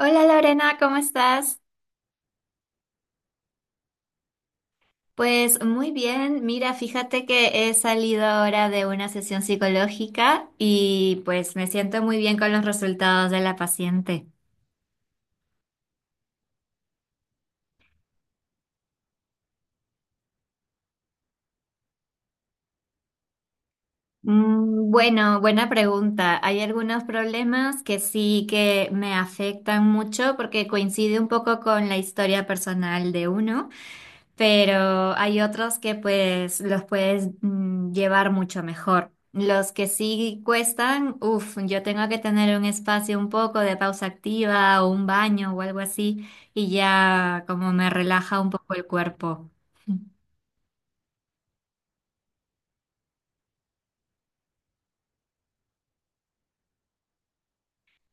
Hola Lorena, ¿cómo estás? Pues muy bien, mira, fíjate que he salido ahora de una sesión psicológica y pues me siento muy bien con los resultados de la paciente. Mm, bueno, buena pregunta. Hay algunos problemas que sí que me afectan mucho porque coincide un poco con la historia personal de uno. Pero hay otros que pues los puedes llevar mucho mejor. Los que sí cuestan, uff, yo tengo que tener un espacio un poco de pausa activa o un baño o algo así y ya como me relaja un poco el cuerpo.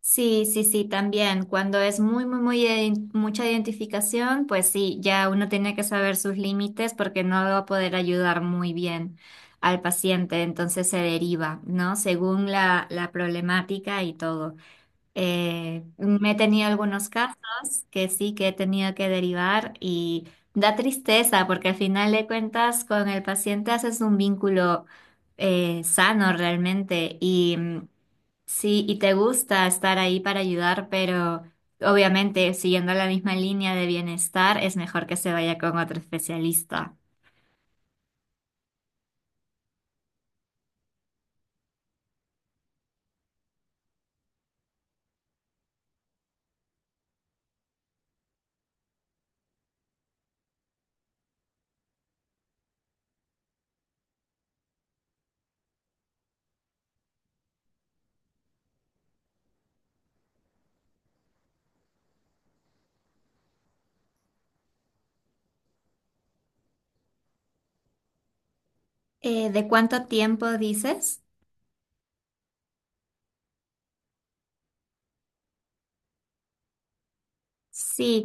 Sí, sí, sí, también. Cuando es muy, muy, muy mucha identificación, pues sí, ya uno tiene que saber sus límites porque no va a poder ayudar muy bien al paciente, entonces se deriva, ¿no? Según la problemática y todo. Me he tenido algunos casos que sí que he tenido que derivar y da tristeza porque al final de cuentas con el paciente haces un vínculo sano realmente y, sí, y te gusta estar ahí para ayudar, pero obviamente siguiendo la misma línea de bienestar es mejor que se vaya con otro especialista. ¿De cuánto tiempo dices? Sí,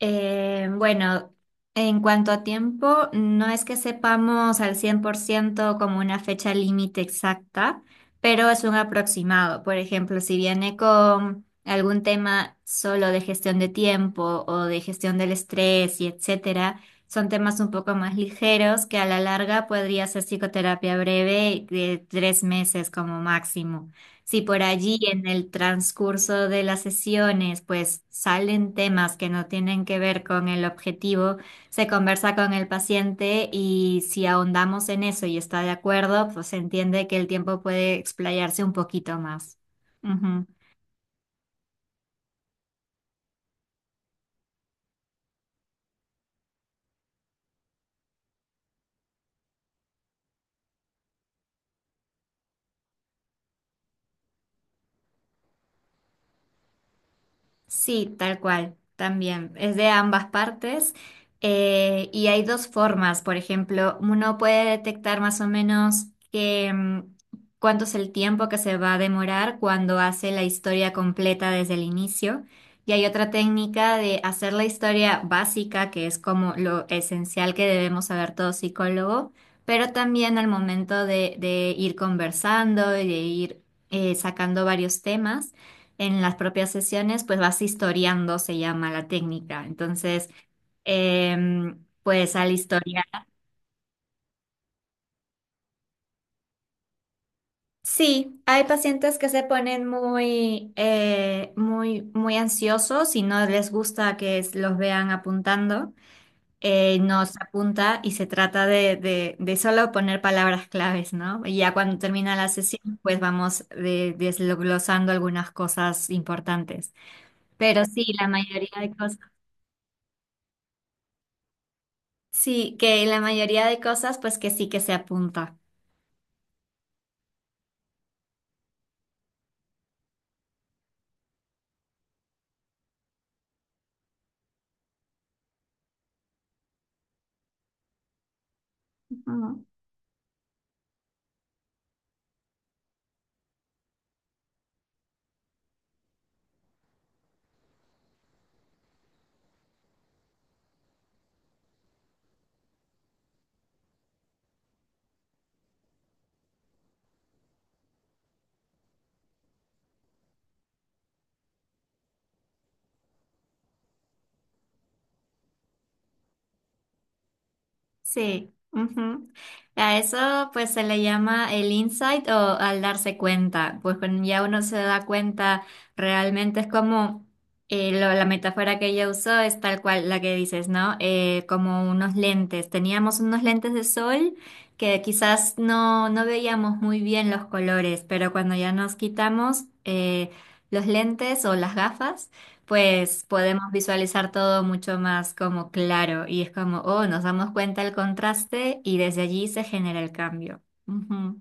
bueno, en cuanto a tiempo, no es que sepamos al 100% como una fecha límite exacta, pero es un aproximado. Por ejemplo, si viene con algún tema solo de gestión de tiempo o de gestión del estrés y etcétera, son temas un poco más ligeros que a la larga podría ser psicoterapia breve de 3 meses como máximo. Si por allí en el transcurso de las sesiones pues salen temas que no tienen que ver con el objetivo, se conversa con el paciente y si ahondamos en eso y está de acuerdo, pues se entiende que el tiempo puede explayarse un poquito más. Sí, tal cual, también. Es de ambas partes. Y hay dos formas, por ejemplo, uno puede detectar más o menos que, cuánto es el tiempo que se va a demorar cuando hace la historia completa desde el inicio. Y hay otra técnica de hacer la historia básica, que es como lo esencial que debemos saber todo psicólogo, pero también al momento de ir conversando y de ir sacando varios temas en las propias sesiones, pues vas historiando, se llama la técnica. Entonces, pues al historiar. Sí, hay pacientes que se ponen muy, muy, muy ansiosos y no les gusta que los vean apuntando. No se apunta y se trata de solo poner palabras claves, ¿no? Y ya cuando termina la sesión, pues vamos desglosando algunas cosas importantes. Pero sí, la mayoría de cosas. Sí, que en la mayoría de cosas, pues que sí que se apunta. Ujú. Sí, ujú. A eso pues se le llama el insight o al darse cuenta. Pues cuando ya uno se da cuenta, realmente es como la metáfora que ella usó es tal cual la que dices, ¿no? Como unos lentes. Teníamos unos lentes de sol que quizás no, no veíamos muy bien los colores, pero cuando ya nos quitamos los lentes o las gafas, pues podemos visualizar todo mucho más como claro y es como, oh, nos damos cuenta del contraste y desde allí se genera el cambio. Ujú.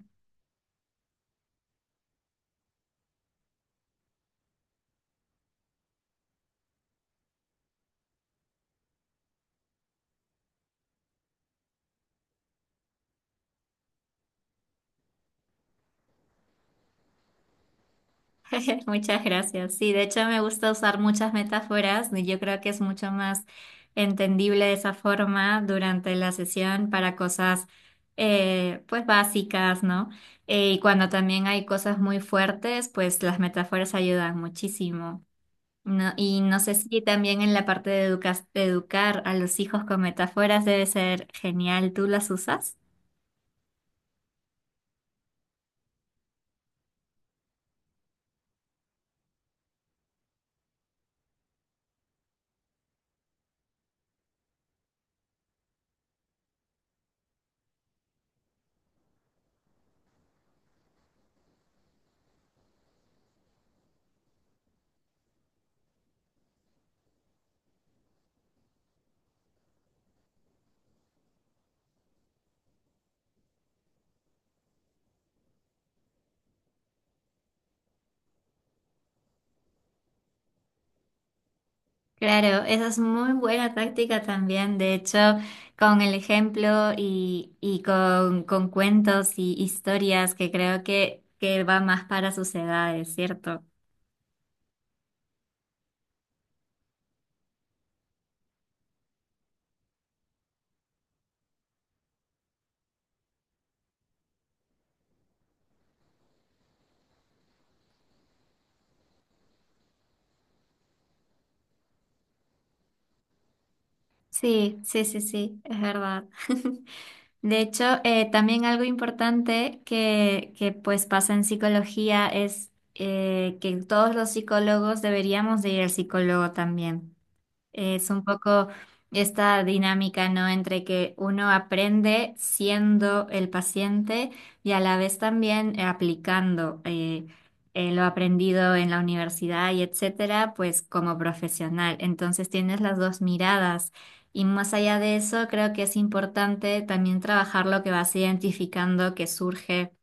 Muchas gracias. Sí, de hecho me gusta usar muchas metáforas y yo creo que es mucho más entendible de esa forma durante la sesión para cosas pues básicas, ¿no? Y cuando también hay cosas muy fuertes, pues las metáforas ayudan muchísimo. No, y no sé si también en la parte de, de educar a los hijos con metáforas debe ser genial. ¿Tú las usas? Claro, esa es muy buena táctica también. De hecho, con el ejemplo y con cuentos y historias que creo que va más para sus edades, ¿cierto? Sí, sí, sí, sí, es verdad. De hecho, también algo importante pues pasa en psicología es que todos los psicólogos deberíamos de ir al psicólogo también. Es un poco esta dinámica, ¿no? Entre que uno aprende siendo el paciente y a la vez también aplicando lo aprendido en la universidad y etcétera, pues como profesional. Entonces tienes las dos miradas. Y más allá de eso, creo que es importante también trabajar lo que vas identificando que surge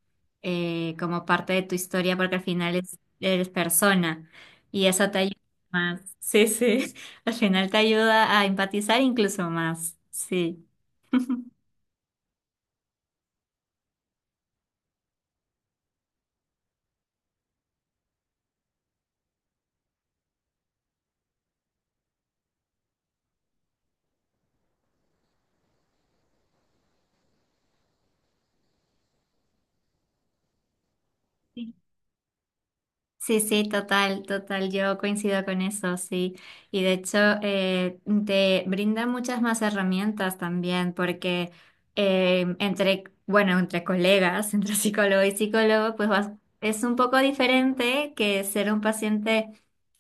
como parte de tu historia, porque al final eres persona y eso te ayuda más. Sí, sí. Al final te ayuda a empatizar incluso más. Sí. Sí, sí, total, total, yo coincido con eso, sí. Y de hecho, te brinda muchas más herramientas también, porque entre, bueno, entre colegas, entre psicólogo y psicólogo, pues es un poco diferente que ser un paciente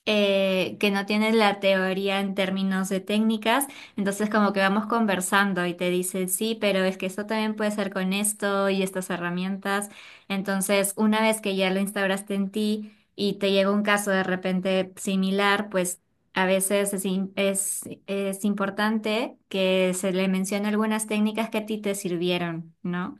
que no tiene la teoría en términos de técnicas, entonces como que vamos conversando y te dicen, sí, pero es que eso también puede ser con esto y estas herramientas. Entonces, una vez que ya lo instauraste en ti, y te llega un caso de repente similar, pues a veces es importante que se le mencione algunas técnicas que a ti te sirvieron, ¿no?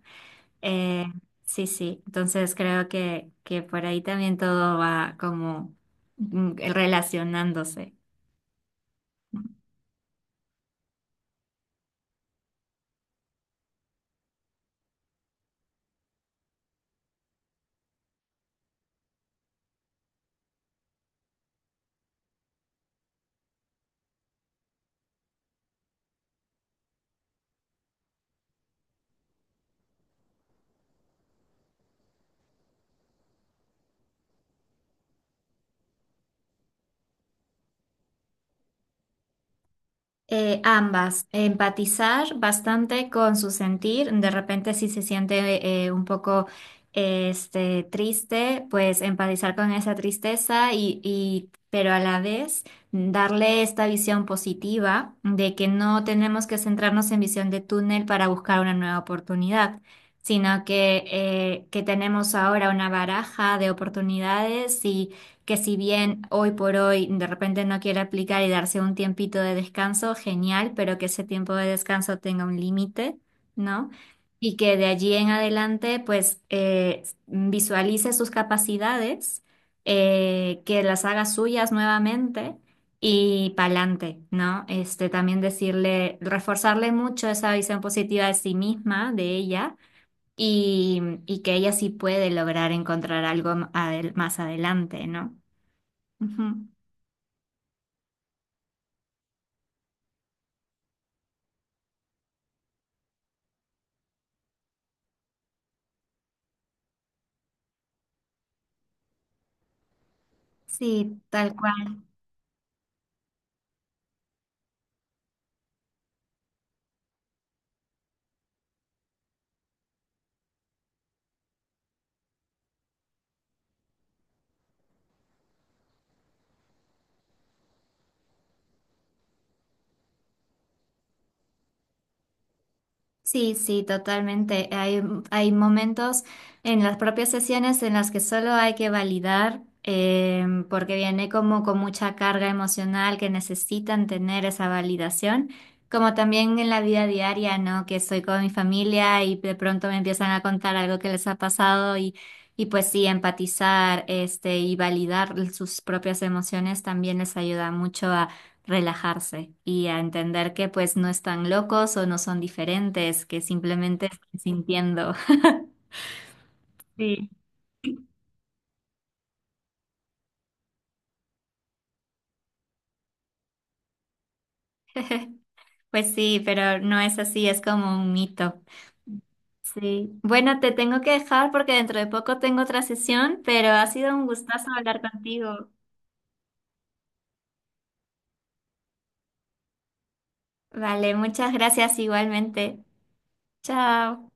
Eh, sí, sí, entonces creo que por ahí también todo va como relacionándose. Ambas, empatizar bastante con su sentir, de repente si se siente un poco este, triste, pues empatizar con esa tristeza pero a la vez darle esta visión positiva de que no tenemos que centrarnos en visión de túnel para buscar una nueva oportunidad, sino que tenemos ahora una baraja de oportunidades que si bien hoy por hoy de repente no quiere aplicar y darse un tiempito de descanso, genial, pero que ese tiempo de descanso tenga un límite, ¿no? Y que de allí en adelante, pues, visualice sus capacidades, que las haga suyas nuevamente y pa'lante, ¿no? Este, también decirle, reforzarle mucho esa visión positiva de sí misma, de ella y que ella sí puede lograr encontrar algo más adelante, ¿no? Ujú. Sí, tal cual. Sí, sí, totalmente. Hay momentos en las propias sesiones en las que solo hay que validar, porque viene como con mucha carga emocional que necesitan tener esa validación, como también en la vida diaria, ¿no? Que estoy con mi familia y de pronto me empiezan a contar algo que les ha pasado y pues sí, empatizar, este, y validar sus propias emociones también les ayuda mucho relajarse y a entender que pues no están locos o no son diferentes, que simplemente están sintiendo. Sí. Pues sí, pero no es así, es como un mito. Sí. Bueno, te tengo que dejar porque dentro de poco tengo otra sesión, pero ha sido un gustazo hablar contigo. Vale, muchas gracias igualmente. Chao.